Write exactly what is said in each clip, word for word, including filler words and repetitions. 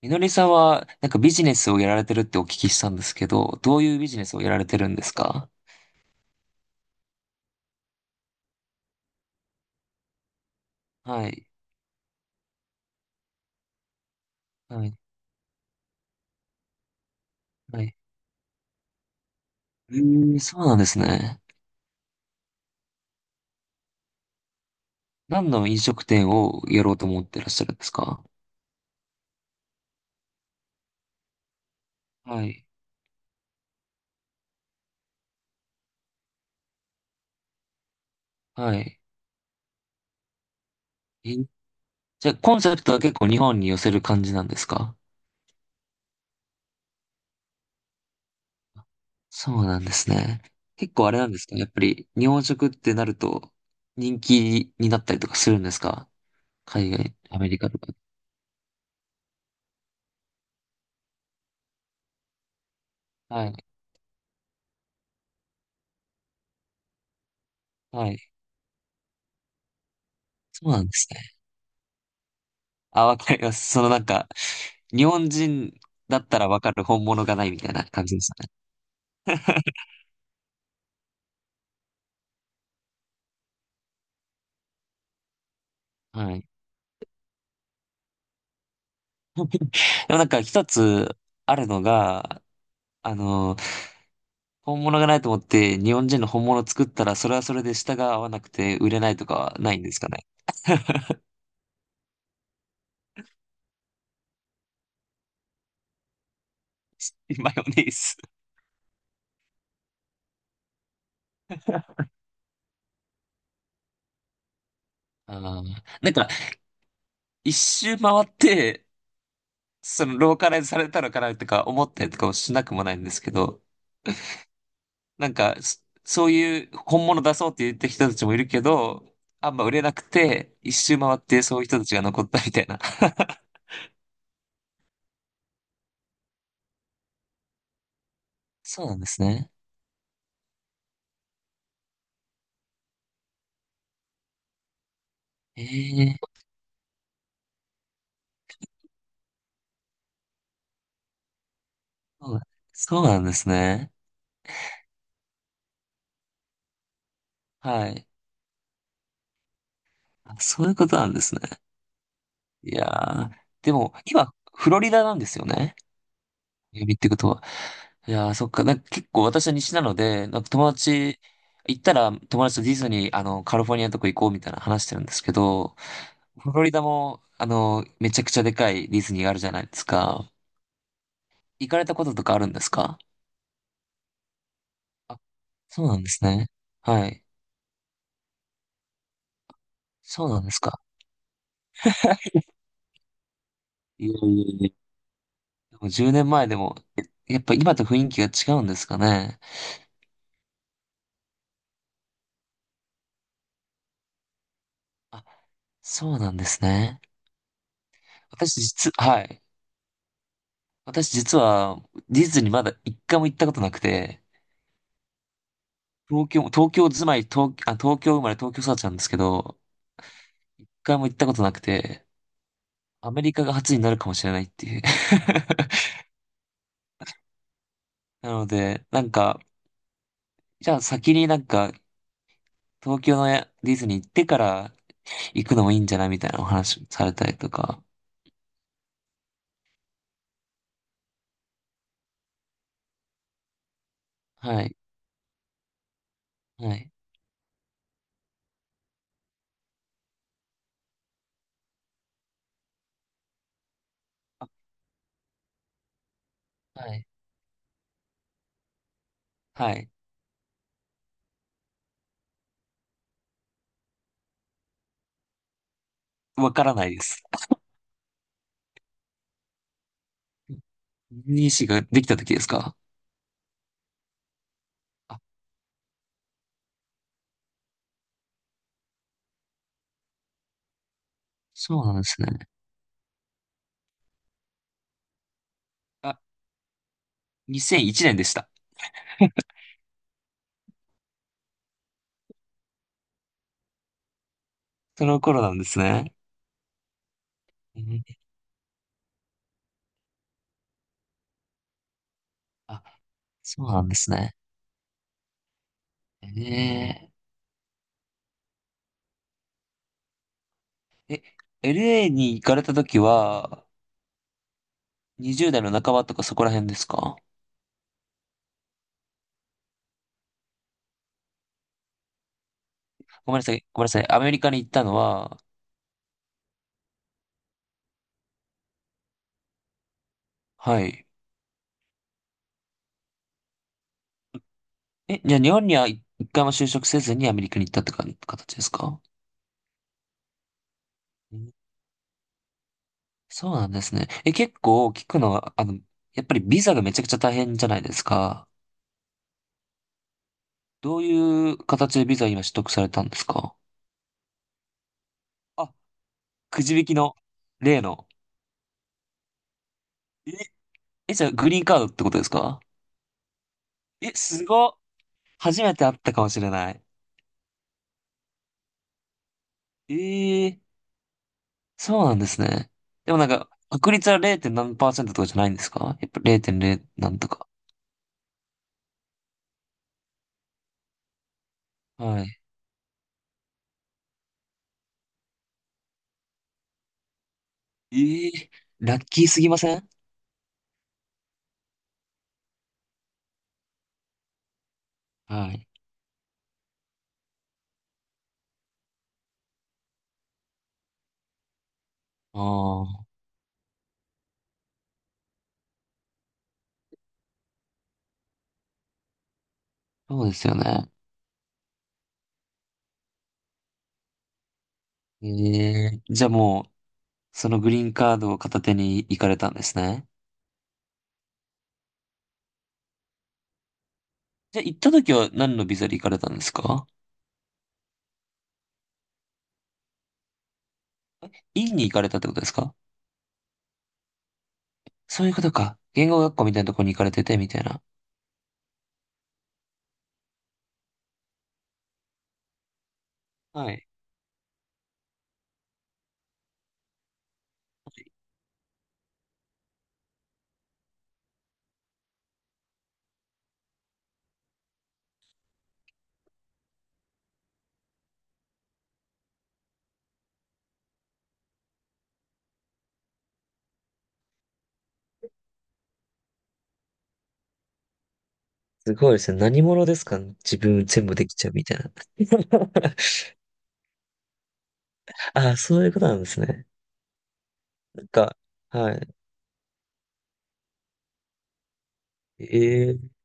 みのりさんは、なんかビジネスをやられてるってお聞きしたんですけど、どういうビジネスをやられてるんですか？はい。はい。はい。えー、そうなんですね。何の飲食店をやろうと思ってらっしゃるんですか？はい。はい。え、じゃあ、コンセプトは結構日本に寄せる感じなんですか？そうなんですね。結構あれなんですか？やっぱり、日本食ってなると、人気になったりとかするんですか？海外、アメリカとか。はい。はい。そうなんですね。あ、わかります。そのなんか、日本人だったらわかる本物がないみたいな感じでしたね。はい。でもなんか一つあるのが、あの、本物がないと思って日本人の本物を作ったらそれはそれで舌が合わなくて売れないとかはないんですかね。マヨネーズ。ああ。なんか一周回って、そのローカライズされたのかなとか思ったりとかもしなくもないんですけど、なんかそそういう本物出そうって言った人たちもいるけど、あんま売れなくて、一周回ってそういう人たちが残ったみたいな。そうなんですね。ええ、そう、そうなんですね。はい。あ、そういうことなんですね。いやー、でも、今、フロリダなんですよね。指ってことは。いやー、そっか。なんか結構私は西なので、なんか友達、行ったら友達とディズニー、あの、カリフォルニアのとこ行こうみたいな話してるんですけど、フロリダも、あの、めちゃくちゃでかいディズニーがあるじゃないですか。行かれたこととかあるんですか？あ、そうなんですね。はい。そうなんですか。いやいやいや、じゅうねんまえでも、え、やっぱ今と雰囲気が違うんですかね。あ、そうなんですね。私実、はい。私実はディズニーまだ一回も行ったことなくて、東京、東京住まい、東、あ、東京生まれ東京育ちなんですけど、一回も行ったことなくて、アメリカが初になるかもしれないっていう。なので、なんか、じゃあ先になんか、東京のやディズニー行ってから行くのもいいんじゃないみたいなお話されたりとか。はい。はい。はい。はい。わからないです。エヌイーシー ができた時ですか？あ、そうなんですね。あ、にせんいちねんでした。その頃なんですね。えーあ、そうなんですね。えー、え、エルエー に行かれた時は、にじゅうだい代の半ばとかそこら辺ですか？ごめんなさい、ごめんなさい。アメリカに行ったのは、はい。え、じゃあ日本には一回も就職せずにアメリカに行ったってか形ですか？うん。そうなんですね。え、結構聞くのは、あの、やっぱりビザがめちゃくちゃ大変じゃないですか。どういう形でビザ今取得されたんですか？あ、くじ引きの、例の。え、え、じゃあグリーンカードってことですか？え、すごっ。初めて会ったかもしれない。ええ。そうなんですね。でもなんか、確率は れい. 何パーセントとかじゃないんですか？やっぱゼロてんゼロなんとか。はい。ええ、ラッキーすぎません？はい。ああ、そうですよね。ええ、じゃあもう、そのグリーンカードを片手に行かれたんですね。じゃあ行った時は何のビザで行かれたんですか？院に行かれたってことですか？そういうことか。言語学校みたいなところに行かれてて、みたいな。はい。すごいですね。何者ですか？自分全部できちゃうみたいな。ああ、そういうことなんですね。なんか、はい。ええ、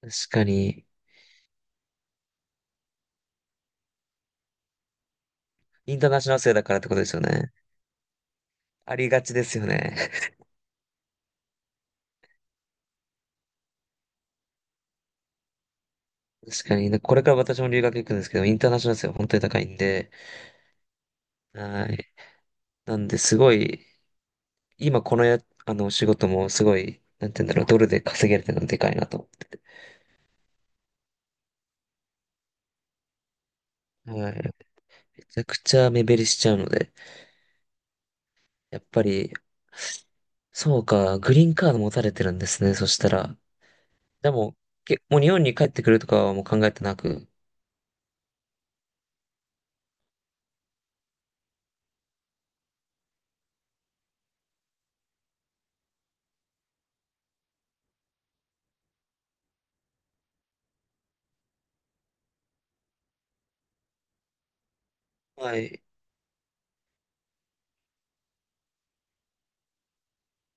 確かに。インターナショナル生だからってことですよね。ありがちですよね。確かに。なこれから私も留学行くんですけど、インターナショナル生は本当に高いんで、はい。なんで、すごい、今このや、あの、仕事もすごい、なんて言うんだろう、ドルで稼げるってのがでかいなと思ってて。はい。めちゃくちゃ目減りしちゃうので、やっぱり、そうか、グリーンカード持たれてるんですね、そしたら。でも、け、もう日本に帰ってくるとかはもう考えてなく。はい。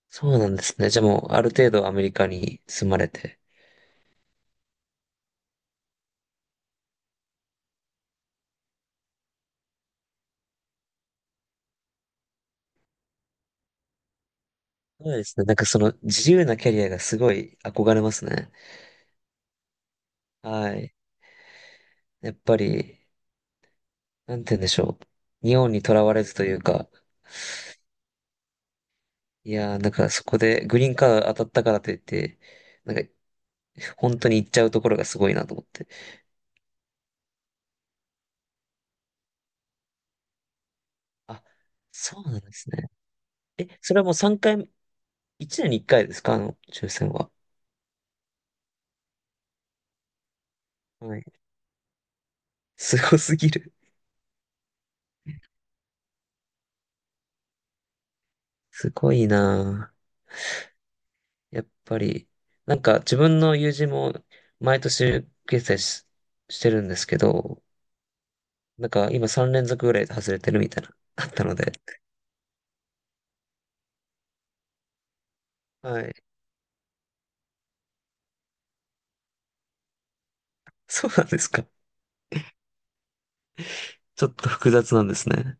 そうなんですね。じゃあもう、ある程度アメリカに住まれて。そうですね。なんかその自由なキャリアがすごい憧れますね。はい。やっぱり、なんて言うんでしょう。日本にとらわれずというか、いやー、なんかそこでグリーンカード当たったからといって、なんか、本当に行っちゃうところがすごいなと思って。あ、そうなんですね。え、それはもうさんかい、いちねんにいっかいですか？あの、抽選は。はい。すごすぎる。すごいなぁ。やっぱり、なんか自分の友人も毎年決済し、してるんですけど、なんか今さん連続ぐらいで外れてるみたいな、あったので。はい。そうなんですか。ちょっと複雑なんですね。